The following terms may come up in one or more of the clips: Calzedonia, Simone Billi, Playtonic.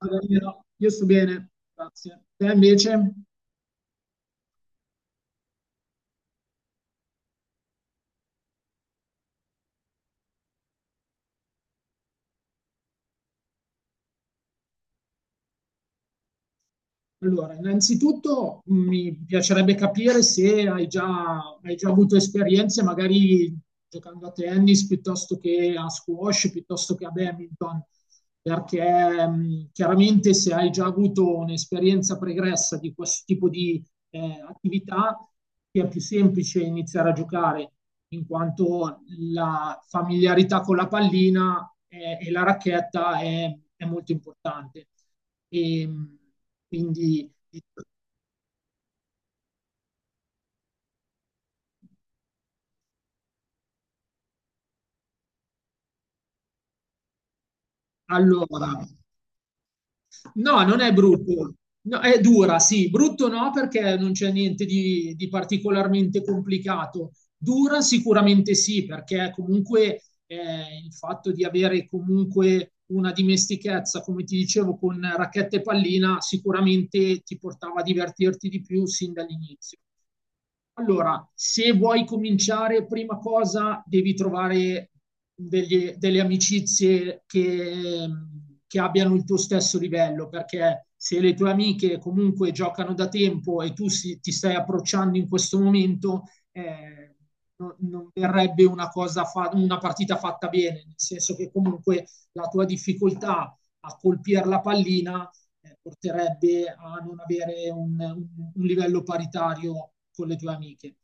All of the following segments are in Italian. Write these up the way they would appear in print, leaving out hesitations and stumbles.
Allora, Io no. io sto bene, grazie. Te invece? Allora, innanzitutto mi piacerebbe capire se hai già avuto esperienze, magari giocando a tennis piuttosto che a squash, piuttosto che a badminton, perché chiaramente se hai già avuto un'esperienza pregressa di questo tipo di attività, ti è più semplice iniziare a giocare, in quanto la familiarità con la pallina e la racchetta è molto importante. E, quindi, allora, no, non è brutto. No, è dura, sì, brutto no perché non c'è niente di particolarmente complicato, dura sicuramente sì perché comunque il fatto di avere comunque una dimestichezza, come ti dicevo, con racchetta e pallina sicuramente ti portava a divertirti di più sin dall'inizio. Allora, se vuoi cominciare, prima cosa devi trovare delle amicizie che abbiano il tuo stesso livello, perché se le tue amiche comunque giocano da tempo e ti stai approcciando in questo momento, eh, non verrebbe una una partita fatta bene, nel senso che comunque la tua difficoltà a colpire la pallina porterebbe a non avere un livello paritario con le tue amiche.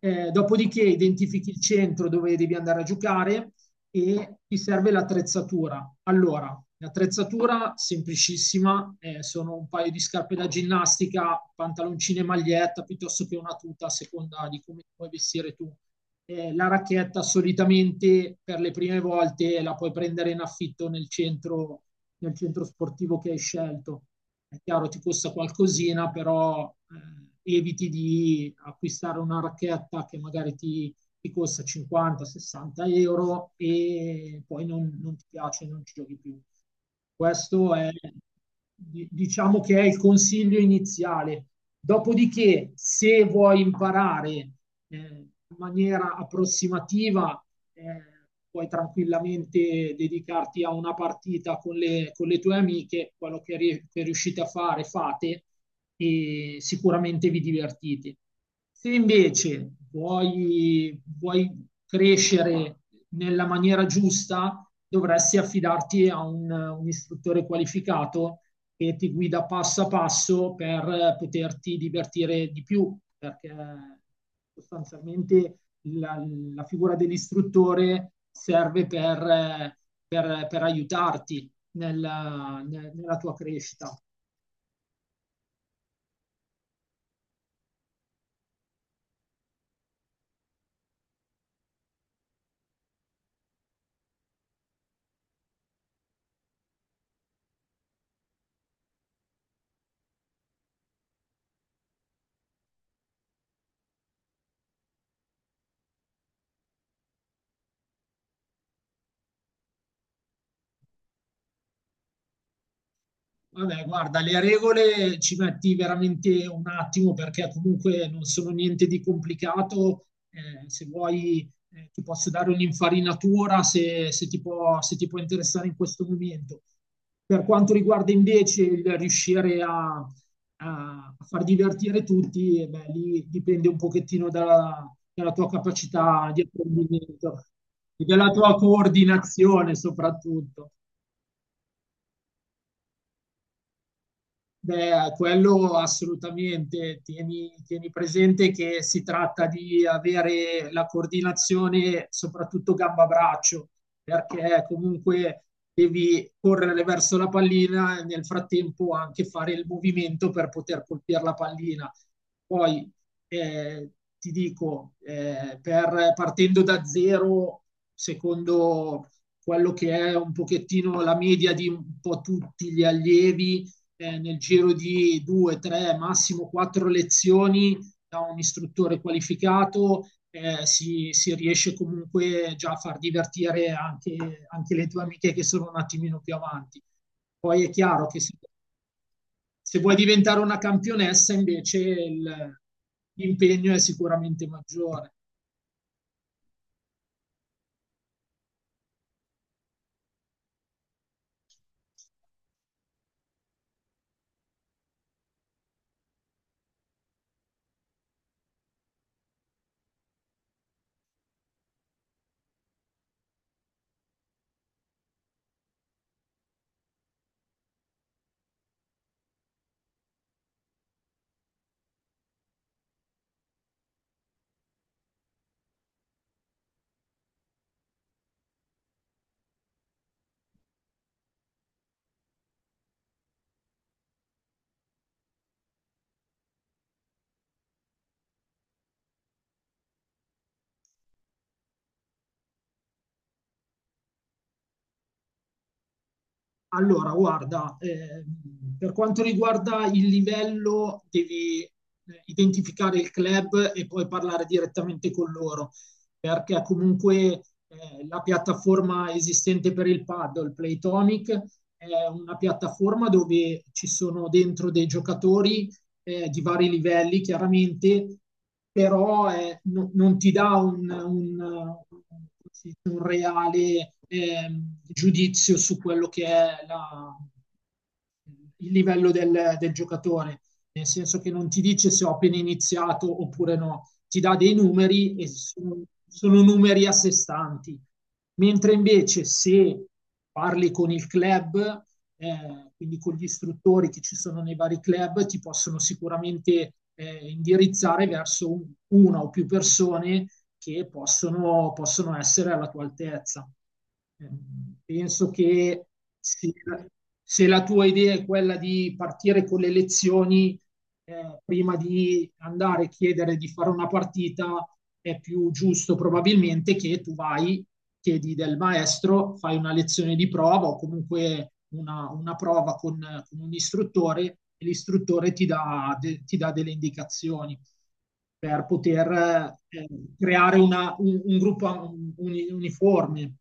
Dopodiché identifichi il centro dove devi andare a giocare e ti serve l'attrezzatura. Allora, l'attrezzatura semplicissima, sono un paio di scarpe da ginnastica, pantaloncine e maglietta, piuttosto che una tuta a seconda di come puoi vestire tu. La racchetta solitamente per le prime volte la puoi prendere in affitto nel centro sportivo che hai scelto. È chiaro, ti costa qualcosina, però eviti di acquistare una racchetta che magari ti costa 50-60 euro e poi non ti piace, non ci giochi più. Questo è, diciamo che è il consiglio iniziale. Dopodiché, se vuoi imparare in maniera approssimativa, eh, puoi tranquillamente dedicarti a una partita con con le tue amiche, quello che riuscite a fare fate e sicuramente vi divertite. Se invece vuoi crescere nella maniera giusta, dovresti affidarti a un istruttore qualificato che ti guida passo a passo per poterti divertire di più, perché sostanzialmente la, la figura dell'istruttore serve per aiutarti nella tua crescita. Vabbè, guarda, le regole ci metti veramente un attimo perché comunque non sono niente di complicato. Se vuoi, ti posso dare un'infarinatura se ti se ti può interessare in questo momento. Per quanto riguarda invece il riuscire a far divertire tutti, beh, lì dipende un pochettino dalla tua capacità di apprendimento e della tua coordinazione soprattutto. Beh, quello assolutamente. Tieni presente che si tratta di avere la coordinazione, soprattutto gamba-braccio, perché comunque devi correre verso la pallina e nel frattempo anche fare il movimento per poter colpire la pallina. Poi eh, ti dico, partendo da zero, secondo quello che è un pochettino la media di un po' tutti gli allievi nel giro di due, tre, massimo quattro lezioni da un istruttore qualificato si riesce comunque già a far divertire anche le tue amiche che sono un attimino più avanti. Poi è chiaro che se, se vuoi diventare una campionessa invece l'impegno è sicuramente maggiore. Allora, guarda, per quanto riguarda il livello, devi identificare il club e poi parlare direttamente con loro, perché comunque la piattaforma esistente per il paddle, Playtonic, è una piattaforma dove ci sono dentro dei giocatori di vari livelli, chiaramente, però non ti dà un reale giudizio su quello che è il livello del giocatore, nel senso che non ti dice se ho appena iniziato oppure no, ti dà dei numeri e sono numeri a sé stanti. Mentre invece se parli con il club, quindi con gli istruttori che ci sono nei vari club, ti possono sicuramente indirizzare verso una o più persone che possono essere alla tua altezza. Penso che se, se la tua idea è quella di partire con le lezioni, prima di andare a chiedere di fare una partita, è più giusto probabilmente che tu vai chiedi del maestro, fai una lezione di prova o comunque una prova con un istruttore e l'istruttore ti ti dà delle indicazioni per poter eh, creare un gruppo uniforme.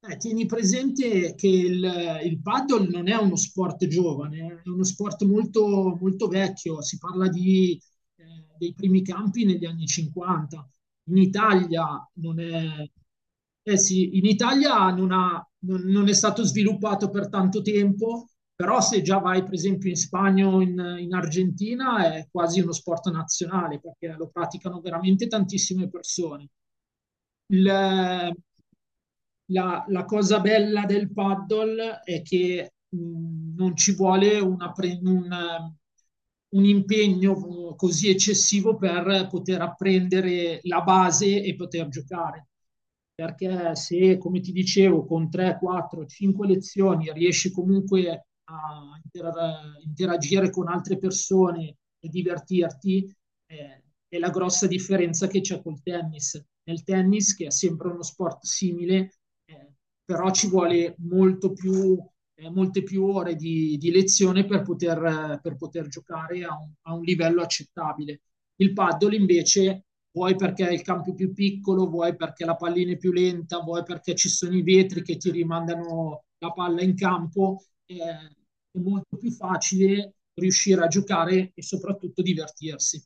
Tieni presente che il paddle non è uno sport giovane, è uno sport molto vecchio, si parla di, dei primi campi negli anni 50. In Italia non è, eh sì, in Italia non ha- non- non è stato sviluppato per tanto tempo, però se già vai per esempio in Spagna o in Argentina è quasi uno sport nazionale perché lo praticano veramente tantissime persone. Il- eh, la cosa bella del paddle è che non ci vuole un impegno così eccessivo per poter apprendere la base e poter giocare. Perché se, come ti dicevo, con 3, 4, 5 lezioni riesci comunque a interagire con altre persone e divertirti, è la grossa differenza che c'è col tennis. Nel tennis, che è sempre uno sport simile, eh, però ci vuole molto più, molte più ore di lezione per poter giocare a a un livello accettabile. Il paddle invece vuoi perché il campo è più piccolo, vuoi perché la pallina è più lenta, vuoi perché ci sono i vetri che ti rimandano la palla in campo, è molto più facile riuscire a giocare e soprattutto divertirsi.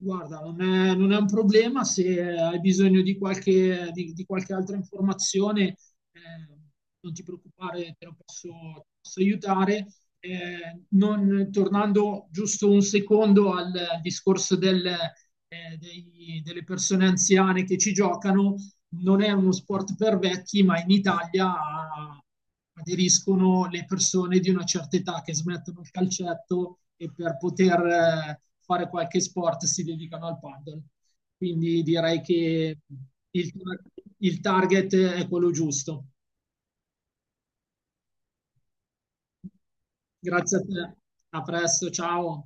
Guarda, non è un problema se hai bisogno di di qualche altra informazione, eh, non ti preoccupare, posso aiutare. Tornando giusto un secondo al discorso delle persone anziane che ci giocano, non è uno sport per vecchi, ma in Italia ah, aderiscono le persone di una certa età che smettono il calcetto e per poter fare qualche sport si dedicano al paddle. Quindi direi che il, il target è quello giusto. Grazie a te, a presto, ciao.